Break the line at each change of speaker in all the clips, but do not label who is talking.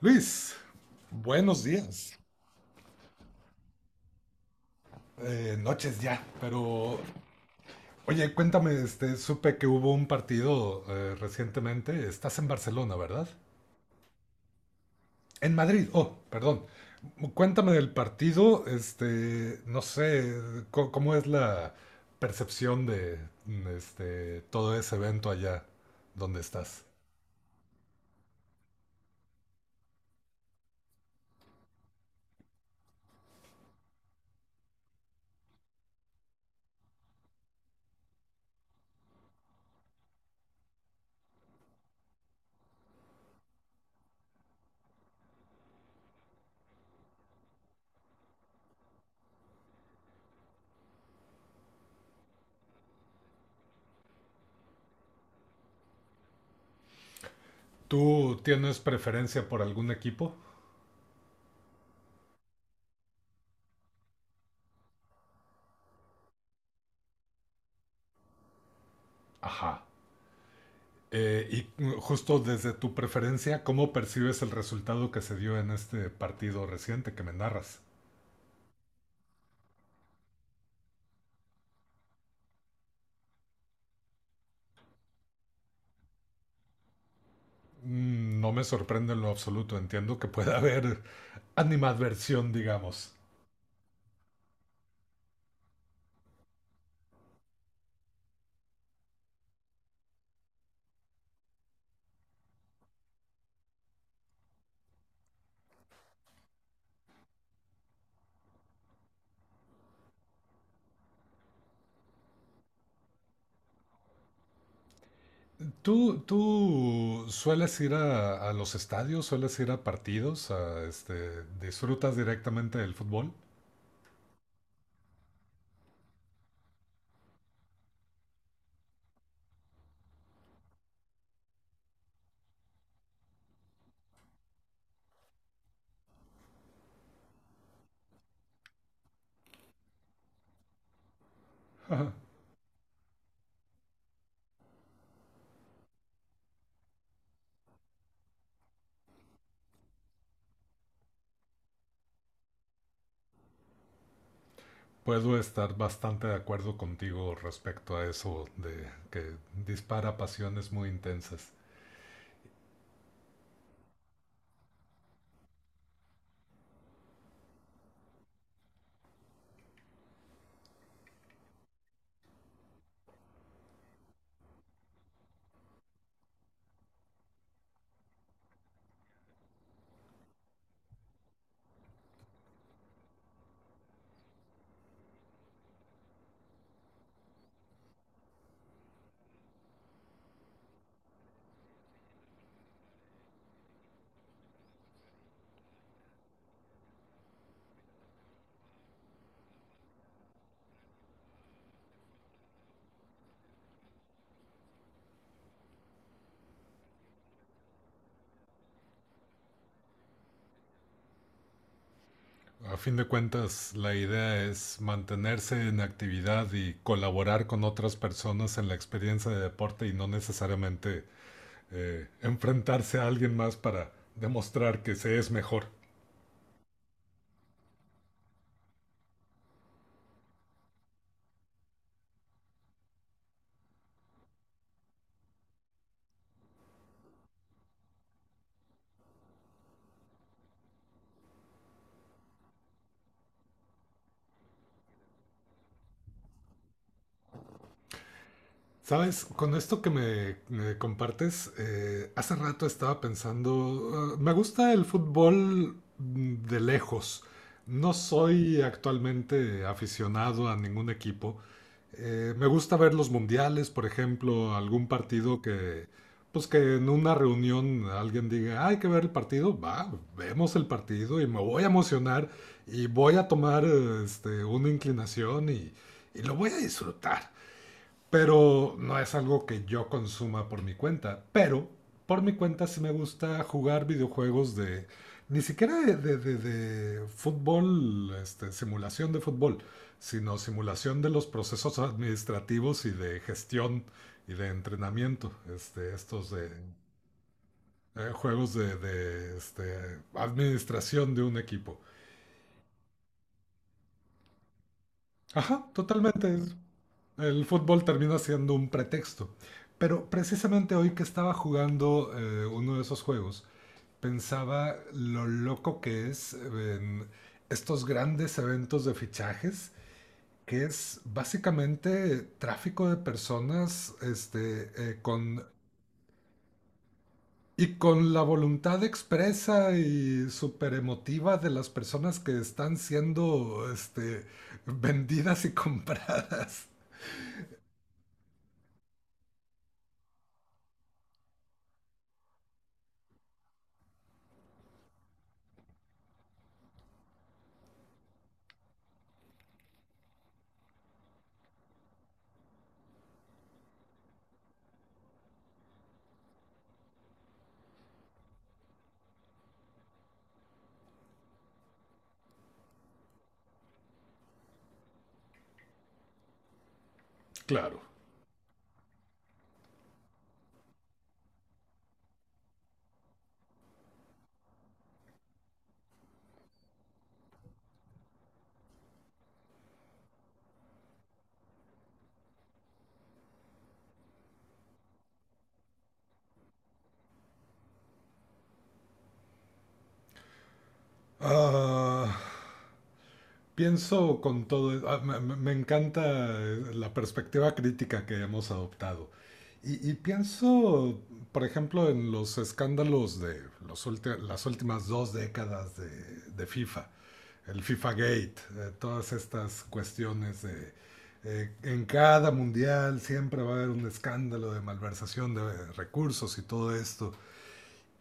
Luis, buenos días. Noches ya, pero oye, cuéntame, supe que hubo un partido recientemente. Estás en Barcelona, ¿verdad? En Madrid, oh, perdón. Cuéntame del partido, no sé, ¿cómo es la percepción de todo ese evento allá donde estás? ¿Tú tienes preferencia por algún equipo? Ajá. Eh, y justo desde tu preferencia, ¿cómo percibes el resultado que se dio en este partido reciente que me narras? Mm, no me sorprende en lo absoluto, entiendo que pueda haber animadversión, digamos. ¿Tú sueles ir a, los estadios, sueles ir a partidos, a, disfrutas directamente del fútbol? Ajá. Puedo estar bastante de acuerdo contigo respecto a eso de que dispara pasiones muy intensas. A fin de cuentas, la idea es mantenerse en actividad y colaborar con otras personas en la experiencia de deporte y no necesariamente enfrentarse a alguien más para demostrar que se es mejor. Sabes, con esto que me compartes, hace rato estaba pensando, me gusta el fútbol, mm, de lejos. No soy actualmente aficionado a ningún equipo. Me gusta ver los mundiales, por ejemplo, algún partido pues que en una reunión alguien diga, "Ah, hay que ver el partido, va, vemos el partido y me voy a emocionar y voy a tomar una inclinación y lo voy a disfrutar. Pero no es algo que yo consuma por mi cuenta. Pero por mi cuenta sí me gusta jugar videojuegos de... Ni siquiera de fútbol, simulación de fútbol, sino simulación de los procesos administrativos y de gestión y de entrenamiento. Este, estos de juegos de, administración de un equipo. Ajá, totalmente. El fútbol termina siendo un pretexto. Pero precisamente hoy que estaba jugando uno de esos juegos, pensaba lo loco que es, en estos grandes eventos de fichajes, que es básicamente tráfico de personas, con, y con la voluntad expresa y súper emotiva de las personas que están siendo vendidas y compradas. Claro. Ah, Pienso con todo, ah, me encanta la perspectiva crítica que hemos adoptado. Y pienso, por ejemplo, en los escándalos de las últimas dos décadas de FIFA, el FIFA Gate, todas estas cuestiones de en cada mundial siempre va a haber un escándalo de malversación de recursos y todo esto.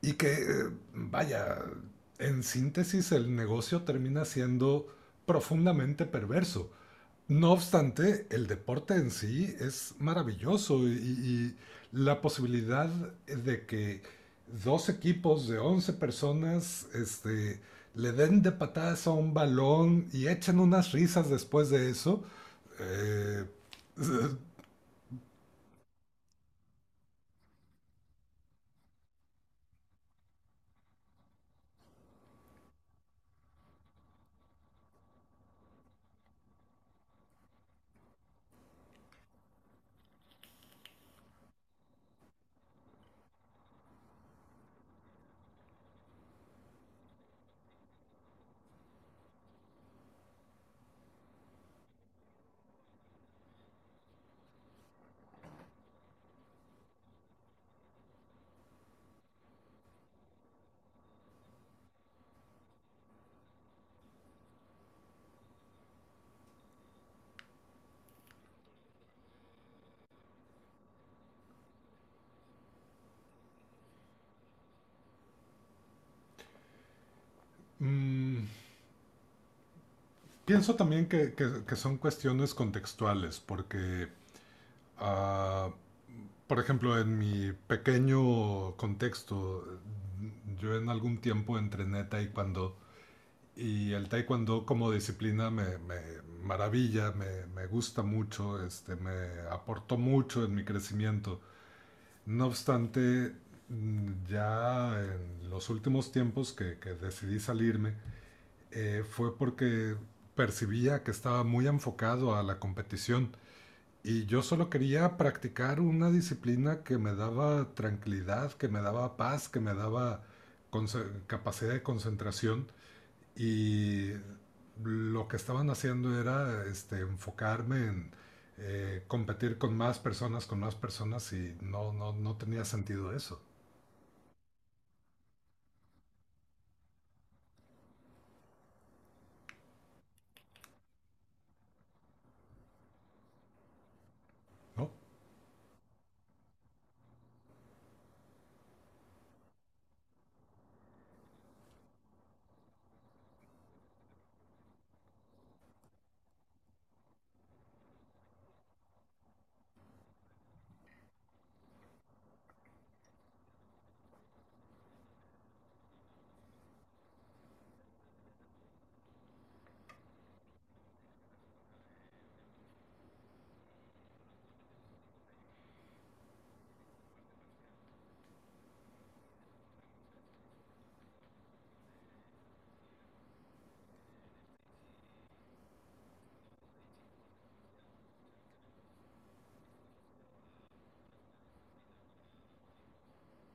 Y vaya, en síntesis el negocio termina siendo profundamente perverso. No obstante, el deporte en sí es maravilloso, y la posibilidad de que dos equipos de 11 personas, le den de patadas a un balón y echen unas risas después de eso. eh, eh, mm, pienso también que son cuestiones contextuales, porque Ah, por ejemplo, en mi pequeño contexto, yo en algún tiempo entrené taekwondo y el taekwondo como disciplina me maravilla, me gusta mucho, me aportó mucho en mi crecimiento. No obstante, mm, ya en los últimos tiempos que decidí salirme, fue porque percibía que estaba muy enfocado a la competición y yo solo quería practicar una disciplina que me daba tranquilidad, que me daba paz, que me daba capacidad de concentración. Y lo que estaban haciendo era, enfocarme en competir con más personas, y no tenía sentido eso, ¿no?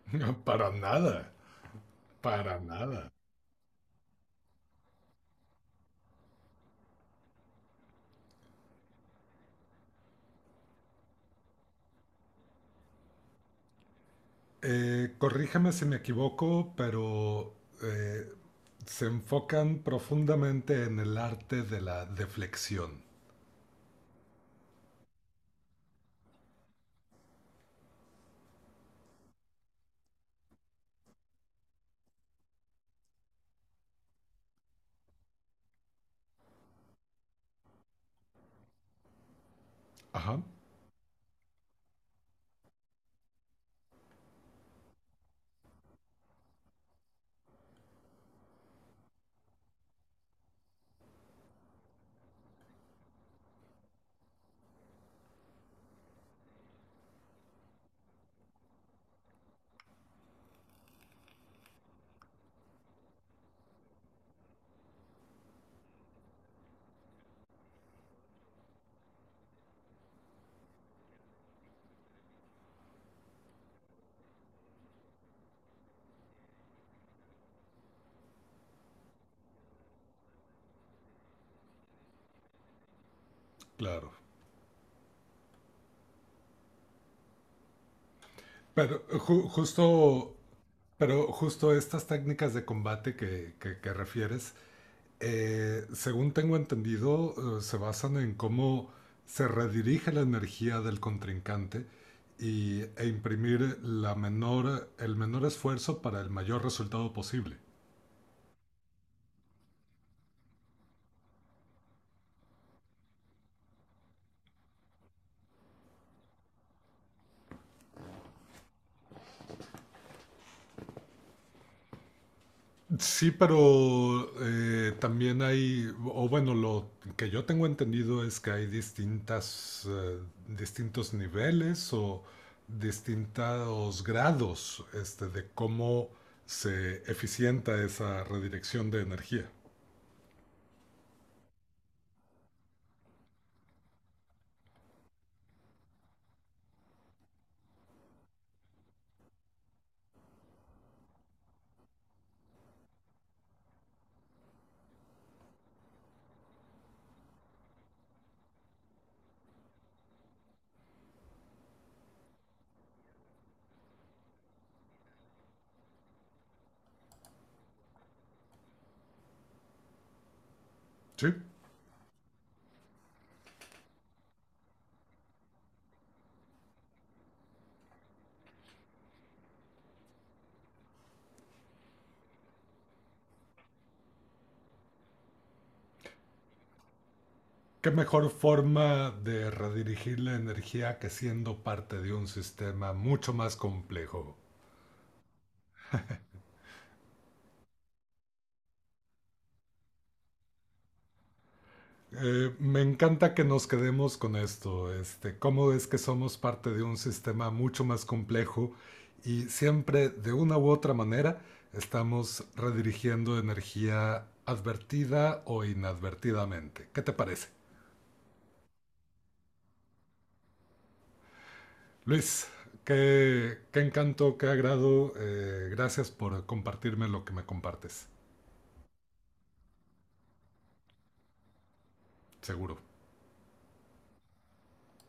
Para nada, para nada. Corríjame si me equivoco, pero, eh, se enfocan profundamente en el arte de la deflexión. Ajá, claro. Pero justo, pero justo estas técnicas de combate que refieres, según tengo entendido, se basan en cómo se redirige la energía del contrincante y, e imprimir la menor, el menor esfuerzo para el mayor resultado posible. Sí, pero también hay, o bueno, lo que yo tengo entendido es que hay distintas, distintos niveles o distintos grados, de cómo se eficienta esa redirección de energía. ¿Sí? ¿Qué mejor forma de redirigir la energía que siendo parte de un sistema mucho más complejo? Me encanta que nos quedemos con esto, cómo es que somos parte de un sistema mucho más complejo y siempre de una u otra manera estamos redirigiendo energía advertida o inadvertidamente. ¿Qué te parece? Luis, qué encanto, qué agrado. Gracias por compartirme lo que me compartes, seguro.